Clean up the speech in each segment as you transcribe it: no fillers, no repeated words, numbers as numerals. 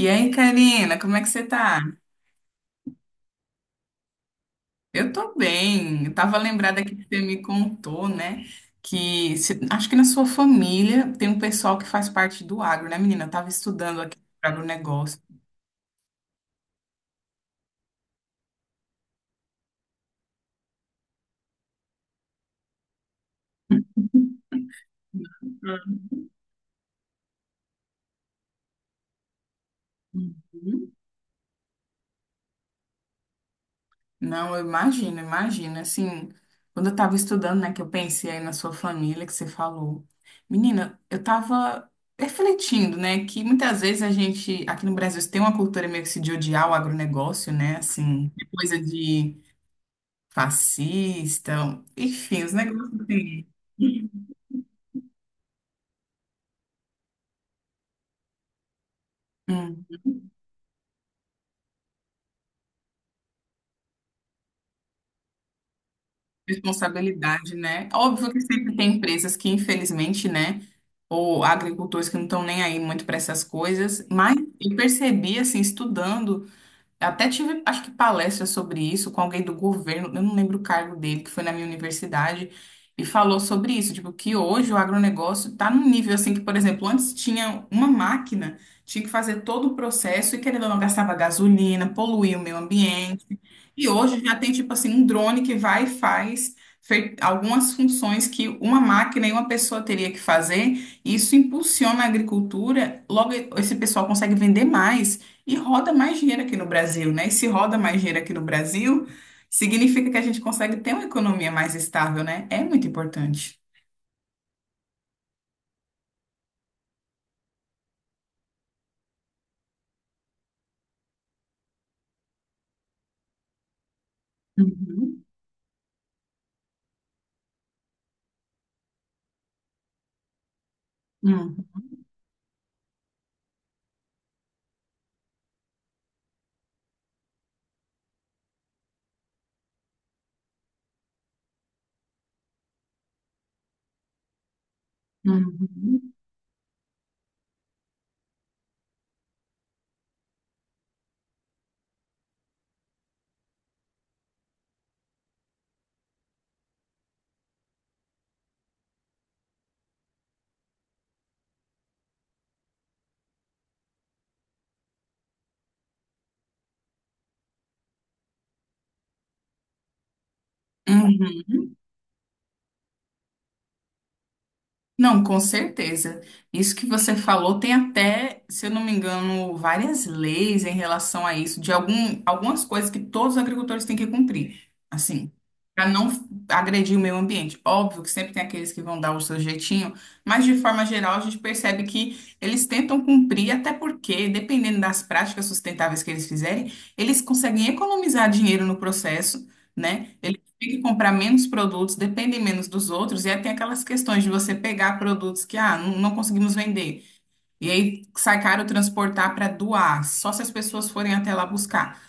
E aí, Karina, como é que você tá? Eu tô bem. Eu tava lembrada que você me contou, né? Que se- Acho que na sua família tem um pessoal que faz parte do agro, né, menina? Eu tava estudando aqui para agronegócio. Uhum. Não, eu imagino, imagino. Assim, quando eu tava estudando, né, que eu pensei aí na sua família, que você falou. Menina, eu tava refletindo, né, que muitas vezes a gente, aqui no Brasil, tem uma cultura meio que se de odiar o agronegócio, né, assim, coisa de fascista, enfim, os negócios assim. Hum, responsabilidade, né? Óbvio que sempre tem empresas que, infelizmente, né, ou agricultores que não estão nem aí muito para essas coisas, mas eu percebi, assim, estudando. Até tive, acho que palestra sobre isso com alguém do governo, eu não lembro o cargo dele, que foi na minha universidade, e falou sobre isso, tipo, que hoje o agronegócio está num nível assim que, por exemplo, antes tinha uma máquina, tinha que fazer todo o processo e querendo ou não gastava gasolina, poluía o meio ambiente. E hoje já tem tipo assim um drone que vai e faz algumas funções que uma máquina e uma pessoa teria que fazer, e isso impulsiona a agricultura, logo esse pessoal consegue vender mais. E roda mais dinheiro aqui no Brasil, né? E se roda mais dinheiro aqui no Brasil, significa que a gente consegue ter uma economia mais estável, né? É muito importante. Uhum, uhum, uhum. Uhum. Não, com certeza. Isso que você falou tem até, se eu não me engano, várias leis em relação a isso, de algum, algumas coisas que todos os agricultores têm que cumprir, assim, para não agredir o meio ambiente. Óbvio que sempre tem aqueles que vão dar o seu jeitinho, mas de forma geral a gente percebe que eles tentam cumprir, até porque, dependendo das práticas sustentáveis que eles fizerem, eles conseguem economizar dinheiro no processo. Né? Tem que comprar menos produtos, dependem menos dos outros, e aí tem aquelas questões de você pegar produtos que ah, não, não conseguimos vender, e aí sai caro transportar para doar, só se as pessoas forem até lá buscar.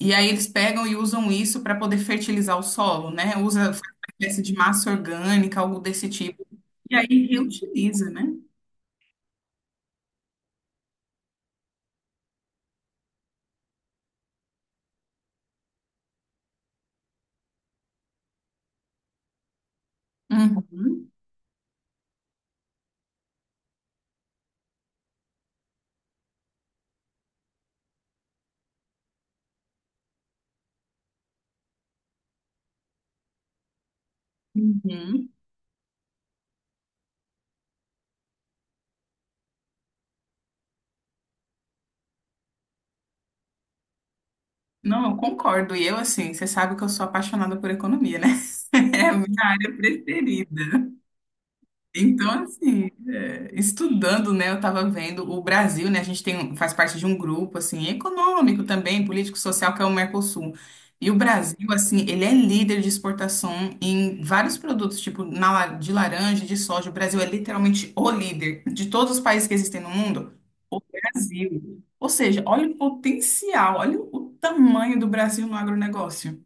E aí eles pegam e usam isso para poder fertilizar o solo, né? Usa faz uma espécie de massa orgânica, algo desse tipo. E aí reutiliza, né? Uhum. Uhum. Não, eu concordo. E eu, assim, você sabe que eu sou apaixonada por economia, né? É a minha área preferida. Então, assim, é, estudando, né, eu estava vendo o Brasil, né, a gente tem, faz parte de um grupo, assim, econômico também, político, social, que é o Mercosul. E o Brasil, assim, ele é líder de exportação em vários produtos, tipo na, de laranja, de soja. O Brasil é literalmente o líder de todos os países que existem no mundo. Brasil. Ou seja, olha o potencial, olha o tamanho do Brasil no agronegócio.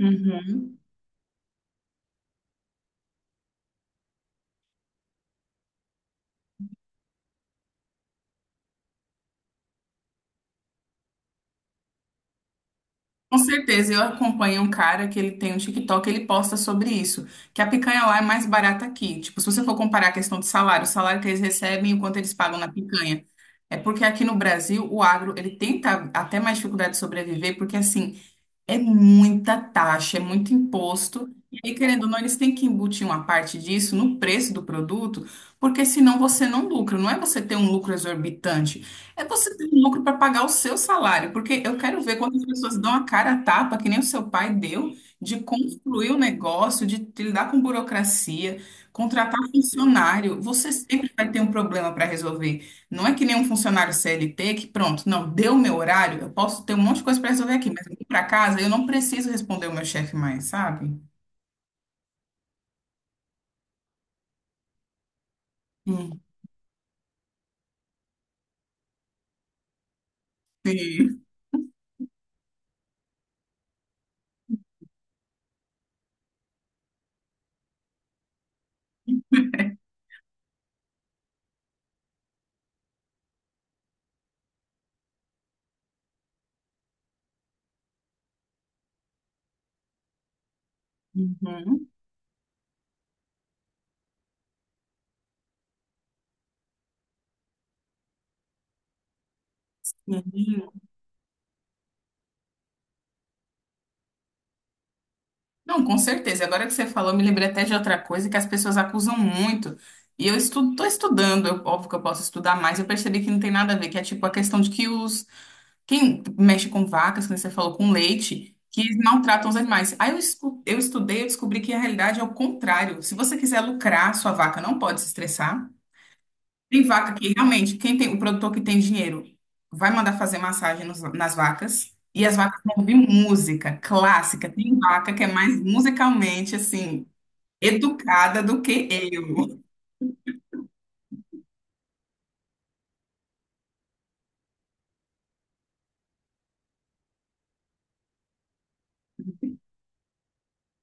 Uhum. Com certeza, eu acompanho um cara que ele tem um TikTok, ele posta sobre isso, que a picanha lá é mais barata aqui. Tipo, se você for comparar a questão de salário, o salário que eles recebem e o quanto eles pagam na picanha. É porque aqui no Brasil, o agro, ele tenta até mais dificuldade de sobreviver, porque assim, é muita taxa, é muito imposto. E aí, querendo ou não, eles têm que embutir uma parte disso no preço do produto, porque senão você não lucra. Não é você ter um lucro exorbitante, é você ter um lucro para pagar o seu salário. Porque eu quero ver quantas pessoas dão a cara a tapa, que nem o seu pai deu, de construir o negócio, de lidar com burocracia, contratar funcionário. Você sempre vai ter um problema para resolver. Não é que nem um funcionário CLT que, pronto, não, deu o meu horário, eu posso ter um monte de coisa para resolver aqui, mas aqui para casa eu não preciso responder o meu chefe mais, sabe? Hum. Sim. Uhum. Uhum. Não, com certeza. Agora que você falou, eu me lembrei até de outra coisa que as pessoas acusam muito. E eu estudo, estou estudando, óbvio que eu posso estudar mais, eu percebi que não tem nada a ver, que é tipo a questão de que os quem mexe com vacas, como você falou, com leite, que eles maltratam os animais. Aí eu, eu estudei, eu descobri que a realidade é o contrário. Se você quiser lucrar, sua vaca não pode se estressar. Tem vaca que realmente, quem tem, o produtor que tem dinheiro vai mandar fazer massagem nas vacas. E as vacas vão ouvir música clássica. Tem vaca que é mais musicalmente, assim, educada do que eu.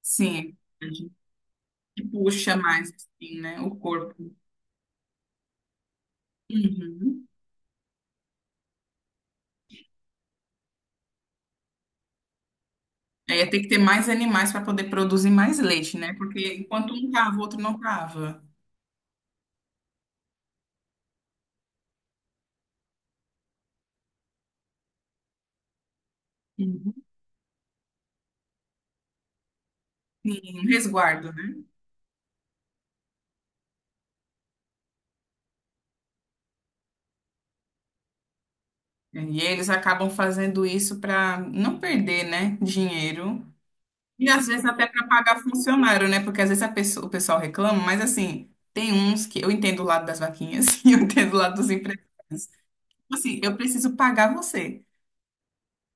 Sim, a gente puxa mais, assim, né, o corpo. Uhum. É, tem que ter mais animais para poder produzir mais leite, né? Porque enquanto um cava, o outro não cava. Uhum. Sim, um resguardo, né? E eles acabam fazendo isso para não perder, né, dinheiro. E às vezes até para pagar funcionário, né? Porque às vezes o pessoal reclama, mas assim, tem uns que eu entendo o lado das vaquinhas e eu entendo o lado dos empresários. Assim, eu preciso pagar você.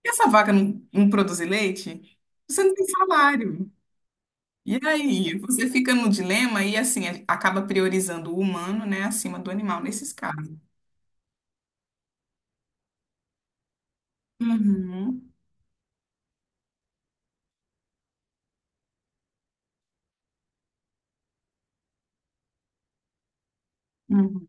E essa vaca não, não produzir leite? Você não tem salário. E aí, você fica no dilema e assim acaba priorizando o humano, né, acima do animal nesses casos. Uhum, uhum.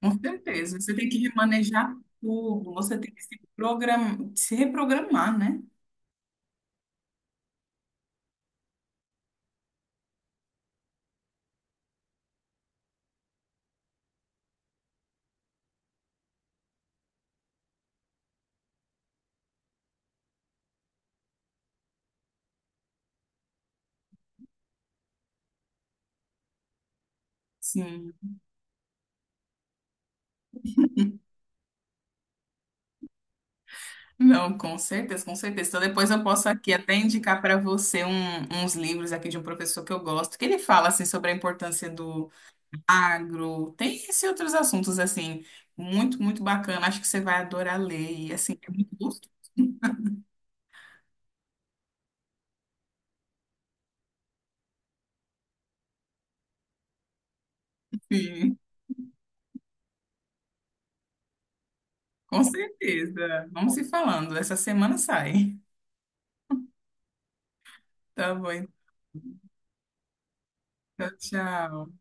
Com certeza. Você tem que remanejar tudo, você tem que se programar, se reprogramar, né? Sim. Não, com certeza, com certeza. Então depois eu posso aqui até indicar para você uns livros aqui de um professor que eu gosto, que ele fala assim sobre a importância do agro, tem esses outros assuntos assim, muito, muito bacana. Acho que você vai adorar ler e assim, é muito gostoso. Com certeza. Vamos se falando. Essa semana sai. Tá bom, então, tchau.